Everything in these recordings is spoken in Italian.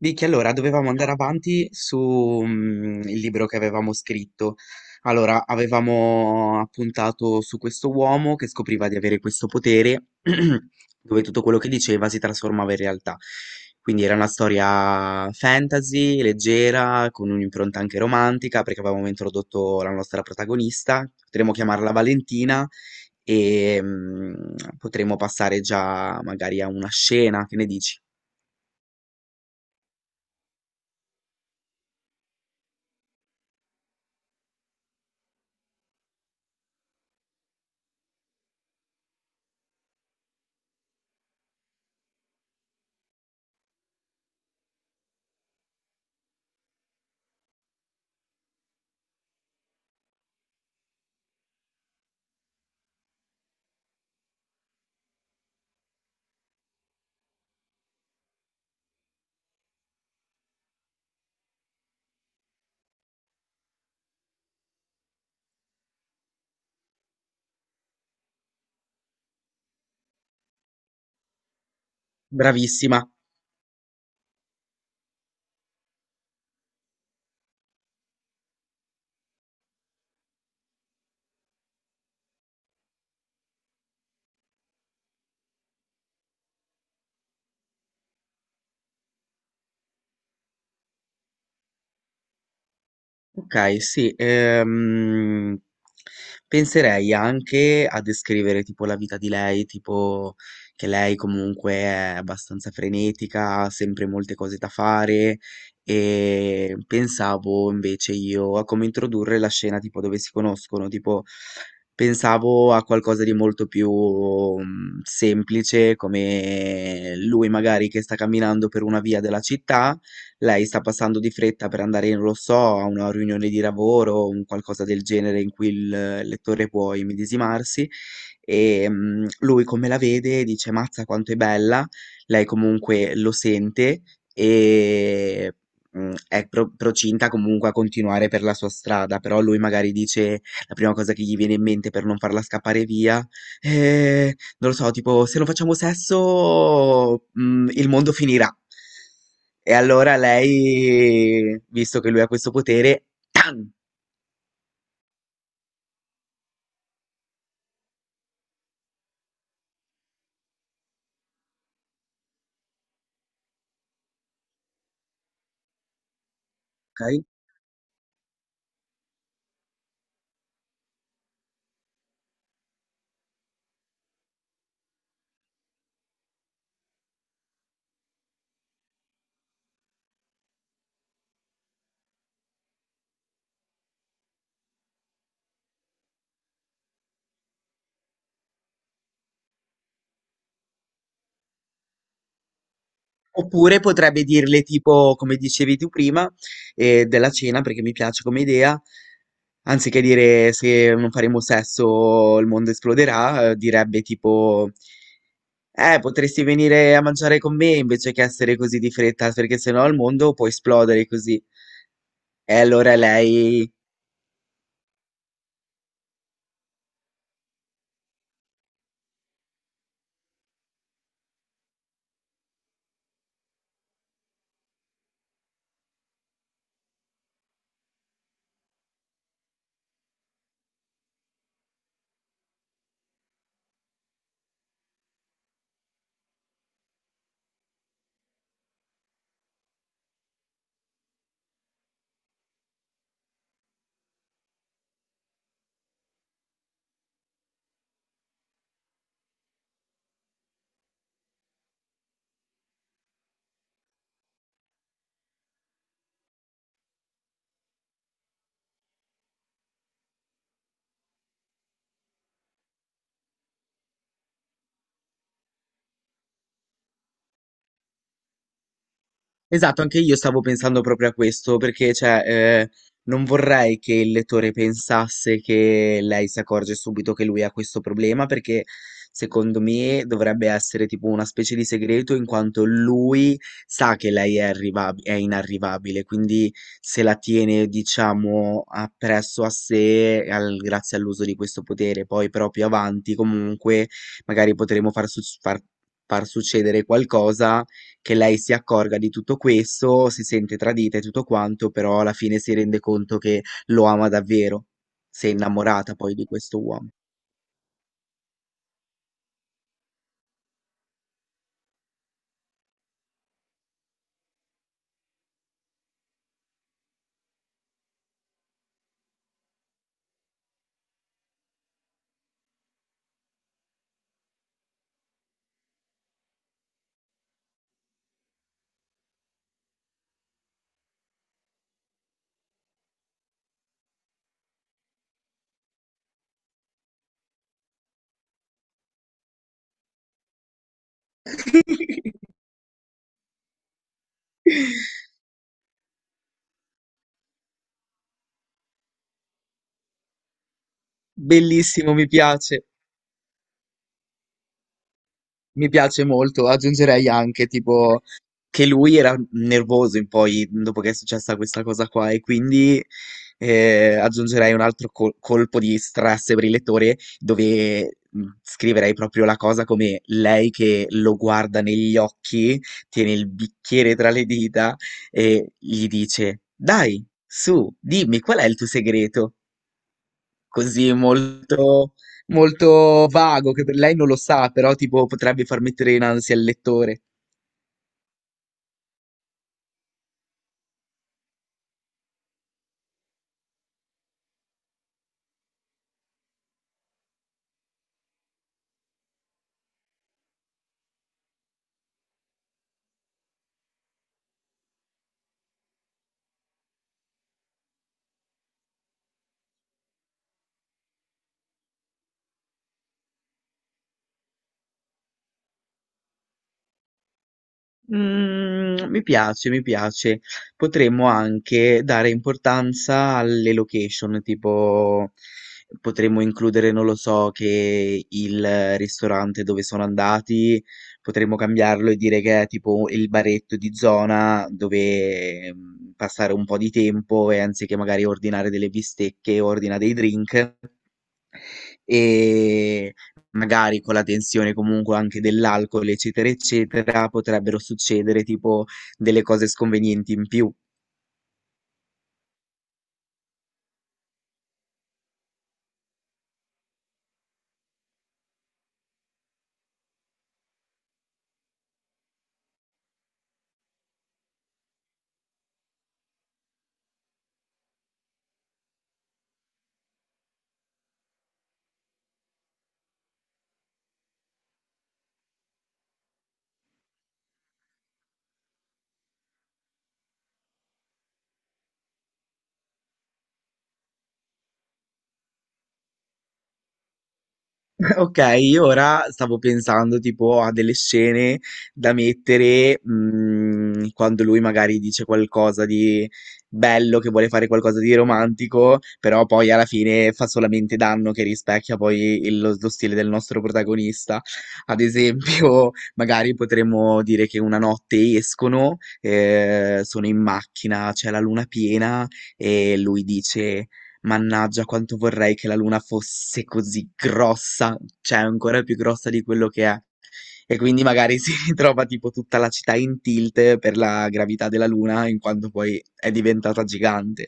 Vicky, allora dovevamo andare avanti su il libro che avevamo scritto. Allora, avevamo appuntato su questo uomo che scopriva di avere questo potere, dove tutto quello che diceva si trasformava in realtà. Quindi era una storia fantasy, leggera, con un'impronta anche romantica, perché avevamo introdotto la nostra protagonista. Potremmo chiamarla Valentina e potremmo passare già magari a una scena, che ne dici? Bravissima. Okay, sì, penserei anche a descrivere tipo la vita di lei, tipo che lei comunque è abbastanza frenetica, ha sempre molte cose da fare e pensavo invece io a come introdurre la scena tipo dove si conoscono, tipo pensavo a qualcosa di molto più, semplice come lui magari che sta camminando per una via della città, lei sta passando di fretta per andare, non lo so, a una riunione di lavoro o un qualcosa del genere in cui il lettore può immedesimarsi e lui come la vede dice Mazza quanto è bella, lei comunque lo sente e è procinta comunque a continuare per la sua strada, però lui magari dice la prima cosa che gli viene in mente per non farla scappare via, non lo so, tipo se non facciamo sesso il mondo finirà. E allora lei, visto che lui ha questo potere, tan, ok? Oppure potrebbe dirle tipo, come dicevi tu prima, della cena, perché mi piace come idea, anziché dire se non faremo sesso il mondo esploderà, direbbe tipo, potresti venire a mangiare con me invece che essere così di fretta, perché sennò il mondo può esplodere così. E allora lei Esatto, anche io stavo pensando proprio a questo, perché cioè, non vorrei che il lettore pensasse che lei si accorge subito che lui ha questo problema, perché secondo me dovrebbe essere tipo una specie di segreto in quanto lui sa che lei è è inarrivabile, quindi se la tiene, diciamo, appresso a sé grazie all'uso di questo potere. Poi però più avanti comunque magari potremo far far succedere qualcosa che lei si accorga di tutto questo, si sente tradita e tutto quanto, però alla fine si rende conto che lo ama davvero. Si è innamorata poi di questo uomo. Bellissimo, mi piace. Mi piace molto, aggiungerei anche tipo che lui era nervoso in poi dopo che è successa questa cosa qua e quindi aggiungerei un altro colpo di stress briletore dove scriverei proprio la cosa come lei che lo guarda negli occhi, tiene il bicchiere tra le dita e gli dice Dai, su, dimmi qual è il tuo segreto? Così molto, molto vago, che per lei non lo sa, però tipo potrebbe far mettere in ansia il lettore. Mm, mi piace, mi piace. Potremmo anche dare importanza alle location, tipo potremmo includere, non lo so, che il ristorante dove sono andati, potremmo cambiarlo e dire che è tipo il baretto di zona dove passare un po' di tempo e anziché magari ordinare delle bistecche, ordina dei drink. E magari con la tensione comunque anche dell'alcol, eccetera, eccetera, potrebbero succedere tipo delle cose sconvenienti in più. Ok, io ora stavo pensando tipo a delle scene da mettere quando lui magari dice qualcosa di bello, che vuole fare qualcosa di romantico, però poi alla fine fa solamente danno che rispecchia poi lo, lo stile del nostro protagonista. Ad esempio, magari potremmo dire che una notte escono, sono in macchina, c'è la luna piena e lui dice... Mannaggia quanto vorrei che la luna fosse così grossa, cioè ancora più grossa di quello che è. E quindi magari si ritrova tipo tutta la città in tilt per la gravità della luna, in quanto poi è diventata gigante.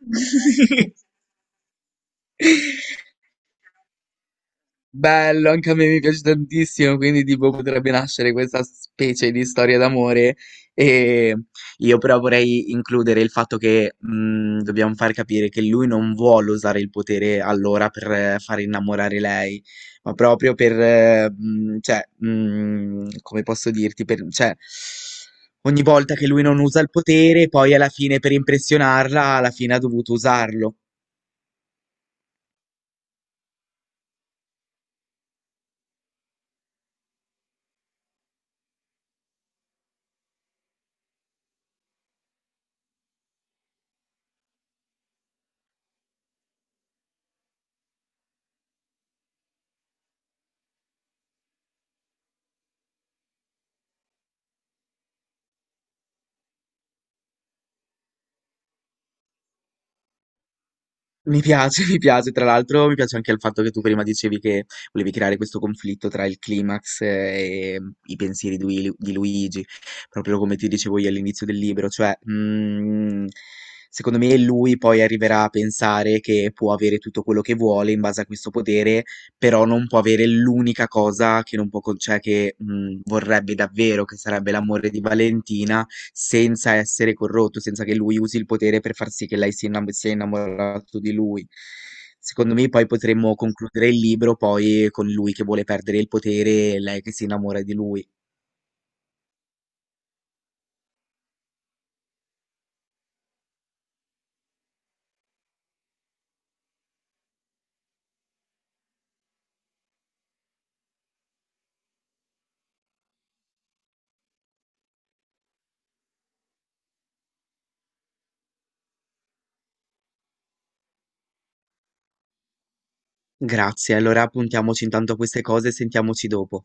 Bello, anche a me mi piace tantissimo, quindi tipo potrebbe nascere questa specie di storia d'amore e io però vorrei includere il fatto che dobbiamo far capire che lui non vuole usare il potere allora per far innamorare lei, ma proprio per, cioè, come posso dirti, per, cioè, ogni volta che lui non usa il potere, poi alla fine per impressionarla, alla fine ha dovuto usarlo. Mi piace, mi piace. Tra l'altro, mi piace anche il fatto che tu prima dicevi che volevi creare questo conflitto tra il climax e i pensieri di, di Luigi, proprio come ti dicevo io all'inizio del libro. Cioè, secondo me lui poi arriverà a pensare che può avere tutto quello che vuole in base a questo potere, però non può avere l'unica cosa che non può, cioè che vorrebbe davvero, che sarebbe l'amore di Valentina, senza essere corrotto, senza che lui usi il potere per far sì che lei si sia innamorato di lui. Secondo me poi potremmo concludere il libro poi con lui che vuole perdere il potere e lei che si innamora di lui. Grazie, allora appuntiamoci intanto a queste cose e sentiamoci dopo.